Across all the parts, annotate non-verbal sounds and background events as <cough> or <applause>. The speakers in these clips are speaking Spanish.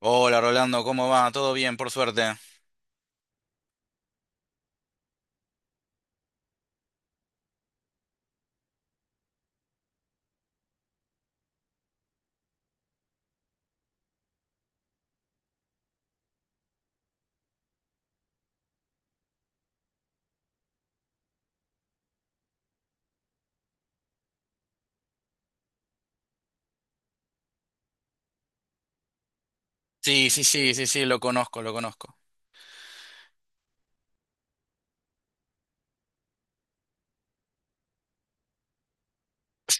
Hola Rolando, ¿cómo va? ¿Todo bien, por suerte? Sí, sí, sí, sí, sí, lo conozco, lo conozco.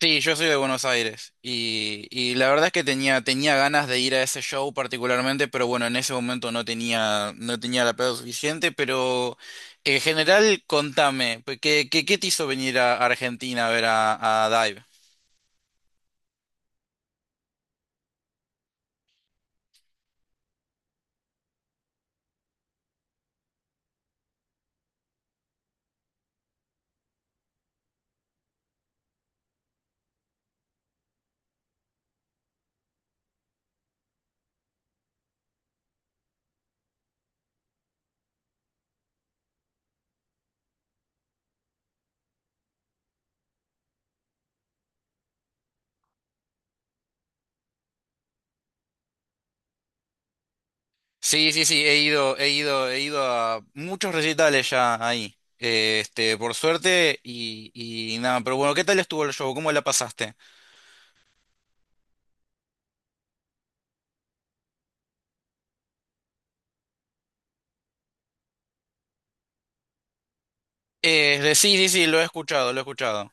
Sí, yo soy de Buenos Aires y la verdad es que tenía ganas de ir a ese show particularmente, pero bueno, en ese momento no tenía la plata suficiente, pero en general, contame, pues, ¿qué te hizo venir a Argentina a ver a Dive? Sí, sí, sí, he ido a muchos recitales ya ahí, este, por suerte y nada, pero bueno, ¿qué tal estuvo el show? ¿Cómo la pasaste? Sí, sí, sí, lo he escuchado, lo he escuchado.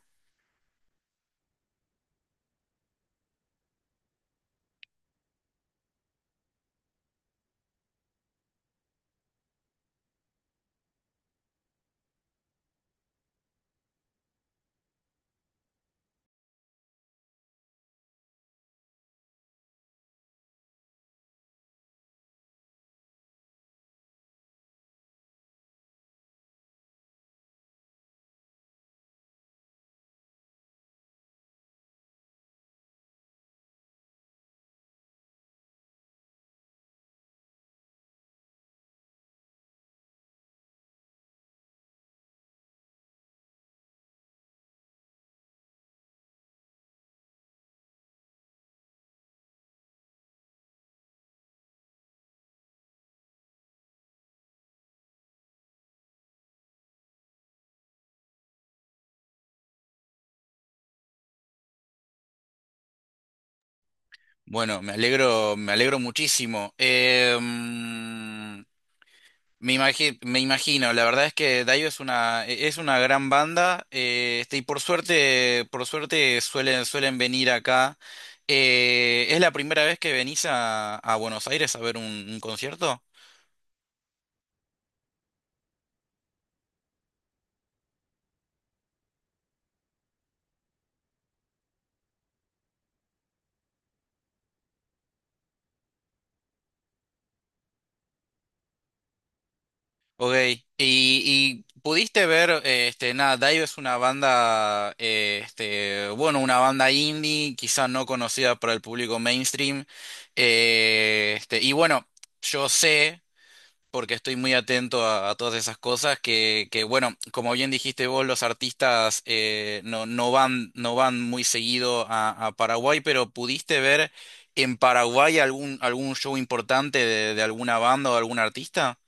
Bueno, me alegro muchísimo. Me imagino, la verdad es que Daio es una gran banda, este, y por suerte suelen venir acá. ¿Es la primera vez que venís a Buenos Aires a ver un concierto? Ok, y pudiste ver, este, nada, Dive es una banda, este, bueno, una banda indie, quizá no conocida por el público mainstream, este, y bueno, yo sé, porque estoy muy atento a todas esas cosas, que bueno, como bien dijiste vos, los artistas no van muy seguido a Paraguay, pero ¿pudiste ver en Paraguay algún show importante de alguna banda o algún artista?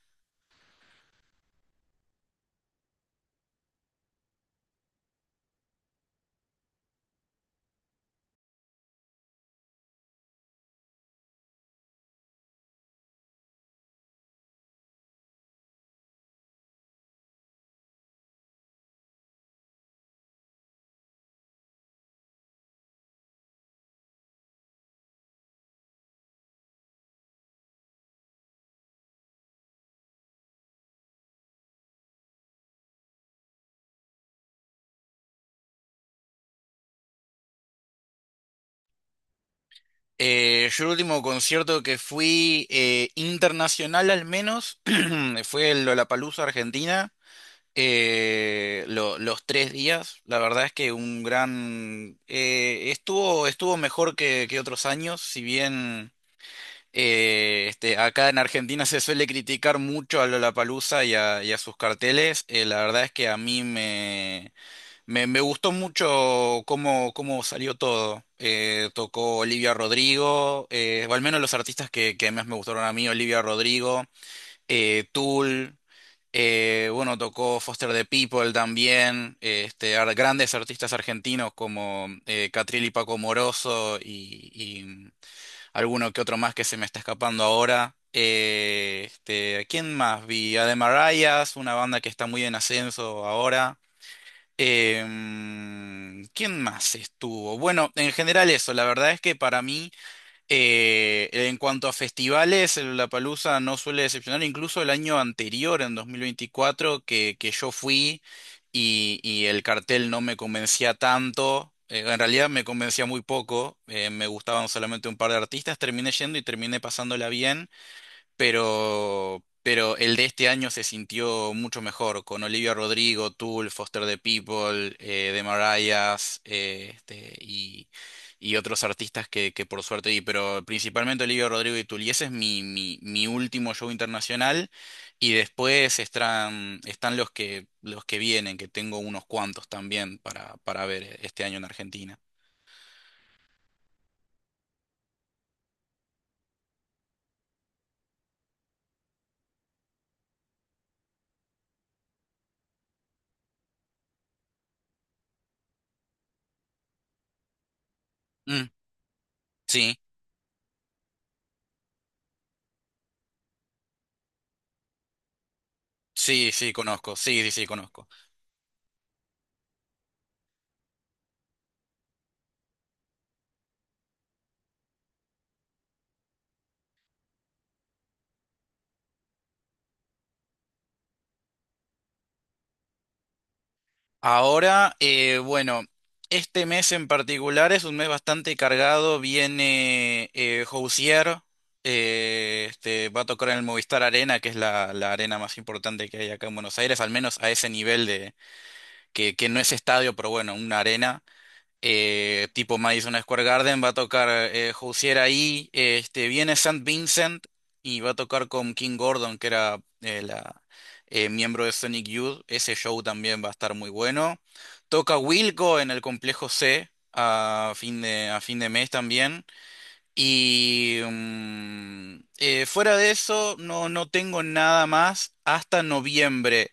Yo el último concierto que fui internacional al menos <clears throat> fue el Lollapalooza Argentina. Los 3 días, la verdad es que un gran estuvo mejor que otros años, si bien este, acá en Argentina se suele criticar mucho a Lollapalooza y a sus carteles, la verdad es que a mí me gustó mucho cómo salió todo. Tocó Olivia Rodrigo, o al menos los artistas que más me gustaron a mí, Olivia Rodrigo, Tool, bueno, tocó Foster the People también, este, grandes artistas argentinos como Catriel y Paco Moroso y alguno que otro más que se me está escapando ahora. Este, ¿quién más vi? Ademarayas, una banda que está muy en ascenso ahora. ¿Quién más estuvo? Bueno, en general eso, la verdad es que para mí, en cuanto a festivales, el Lollapalooza no suele decepcionar, incluso el año anterior, en 2024, que yo fui y el cartel no me convencía tanto, en realidad me convencía muy poco, me gustaban solamente un par de artistas, terminé yendo y terminé pasándola bien pero el de este año se sintió mucho mejor, con Olivia Rodrigo, Tool, Foster the People, The Marayas, este, y otros artistas que por suerte vi, pero principalmente Olivia Rodrigo y Tool, y ese es mi último show internacional, y después están los que vienen, que tengo unos cuantos también para ver este año en Argentina. Mm, sí, sí, sí, conozco, sí, sí, sí, conozco. Ahora, bueno, este mes en particular es un mes bastante cargado. Viene Housier, este, va a tocar en el Movistar Arena, que es la arena más importante que hay acá en Buenos Aires, al menos a ese nivel de que no es estadio, pero bueno, una arena tipo Madison Square Garden, va a tocar Hozier ahí, este, viene Saint Vincent y va a tocar con King Gordon, que era miembro de Sonic Youth, ese show también va a estar muy bueno. Toca Wilco en el Complejo C a fin de mes también. Y fuera de eso, no tengo nada más hasta noviembre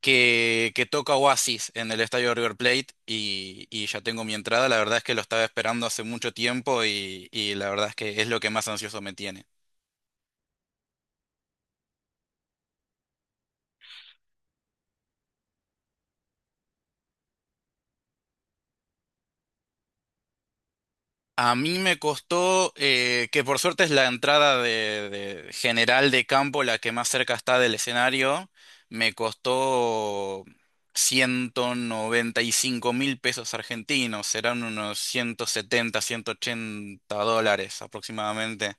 que toca Oasis en el estadio River Plate y ya tengo mi entrada. La verdad es que lo estaba esperando hace mucho tiempo y la verdad es que es lo que más ansioso me tiene. A mí me costó, que por suerte es la entrada de general de campo, la que más cerca está del escenario, me costó 195 mil pesos argentinos, serán unos 170, US$180 aproximadamente.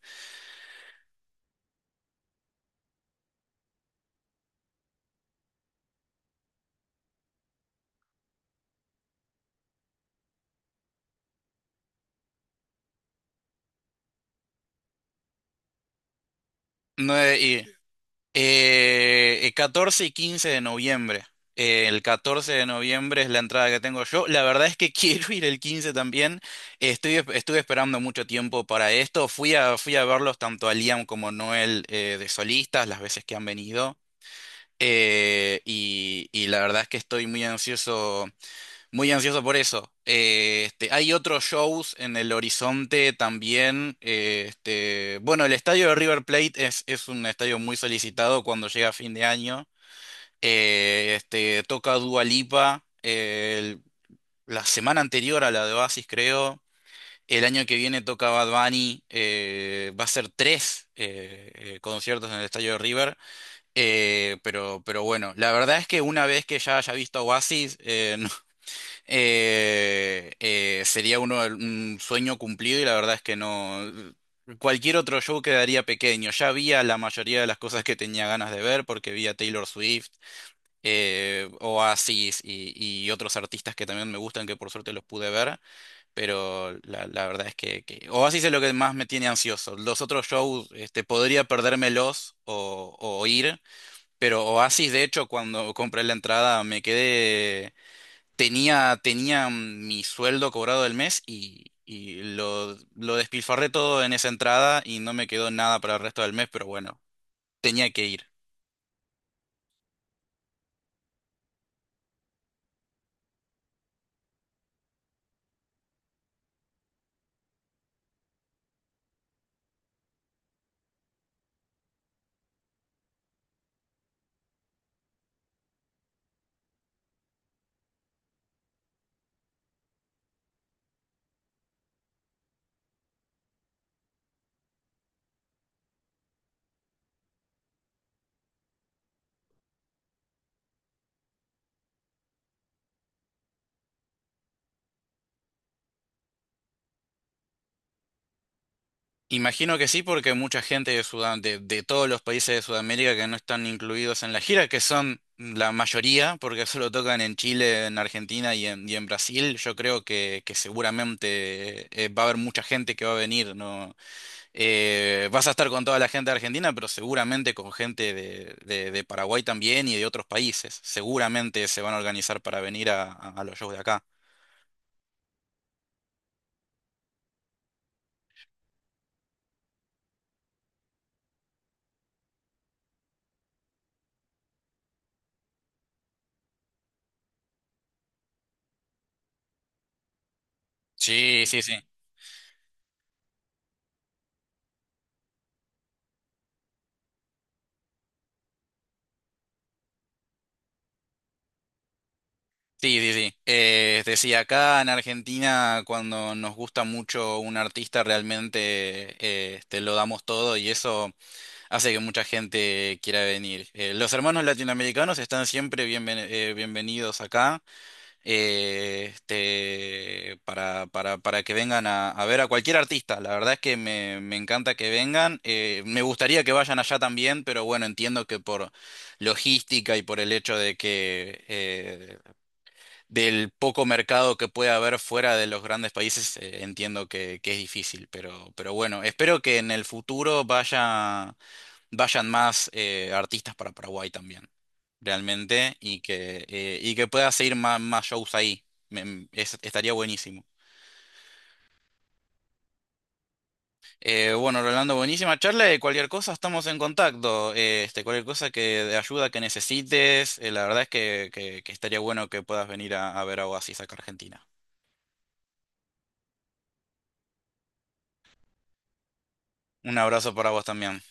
No, 14 y 15 de noviembre. El 14 de noviembre es la entrada que tengo yo. La verdad es que <laughs> quiero ir el 15 también. Estuve esperando mucho tiempo para esto. Fui a verlos tanto a Liam como a Noel de solistas las veces que han venido. Y la verdad es que estoy muy ansioso. Muy ansioso por eso. Este, hay otros shows en el horizonte también. Este, bueno, el estadio de River Plate es un estadio muy solicitado cuando llega fin de año. Este, toca Dua Lipa la semana anterior a la de Oasis, creo. El año que viene toca Bad Bunny. Va a ser tres conciertos en el estadio de River. Pero bueno, la verdad es que una vez que ya haya visto a Oasis, <laughs> sería un sueño cumplido y la verdad es que no. Cualquier otro show quedaría pequeño. Ya había la mayoría de las cosas que tenía ganas de ver porque vi a Taylor Swift, Oasis y otros artistas que también me gustan que por suerte los pude ver, pero la verdad es que Oasis es lo que más me tiene ansioso. Los otros shows, este, podría perdérmelos o ir, pero Oasis de hecho cuando compré la entrada me quedé tenía mi sueldo cobrado del mes y lo despilfarré todo en esa entrada y no me quedó nada para el resto del mes, pero bueno, tenía que ir. Imagino que sí, porque mucha gente de todos los países de Sudamérica que no están incluidos en la gira, que son la mayoría, porque <laughs> solo tocan en Chile, en Argentina y en Brasil, yo creo que seguramente va a haber mucha gente que va a venir, ¿no? Vas a estar con toda la gente de Argentina, pero seguramente con gente de Paraguay también y de otros países. Seguramente se van a organizar para venir a los shows de acá. Sí, sí, sí. Sí, sí, sí. Es decir, acá en Argentina, cuando nos gusta mucho un artista, realmente este, lo damos todo y eso hace que mucha gente quiera venir. Los hermanos latinoamericanos están siempre bienvenidos acá. Este, para que vengan a ver a cualquier artista. La verdad es que me encanta que vengan. Me gustaría que vayan allá también, pero bueno, entiendo que por logística y por el hecho de que del poco mercado que puede haber fuera de los grandes países, entiendo que es difícil, pero bueno, espero que en el futuro vayan más artistas para Paraguay también, realmente, y que pueda seguir más shows ahí. Estaría buenísimo. Bueno, Rolando, buenísima charla. Y cualquier cosa estamos en contacto. Este, cualquier cosa que de ayuda que necesites, la verdad es que, que estaría bueno que puedas venir a ver a Oasis acá a Argentina. Un abrazo para vos también.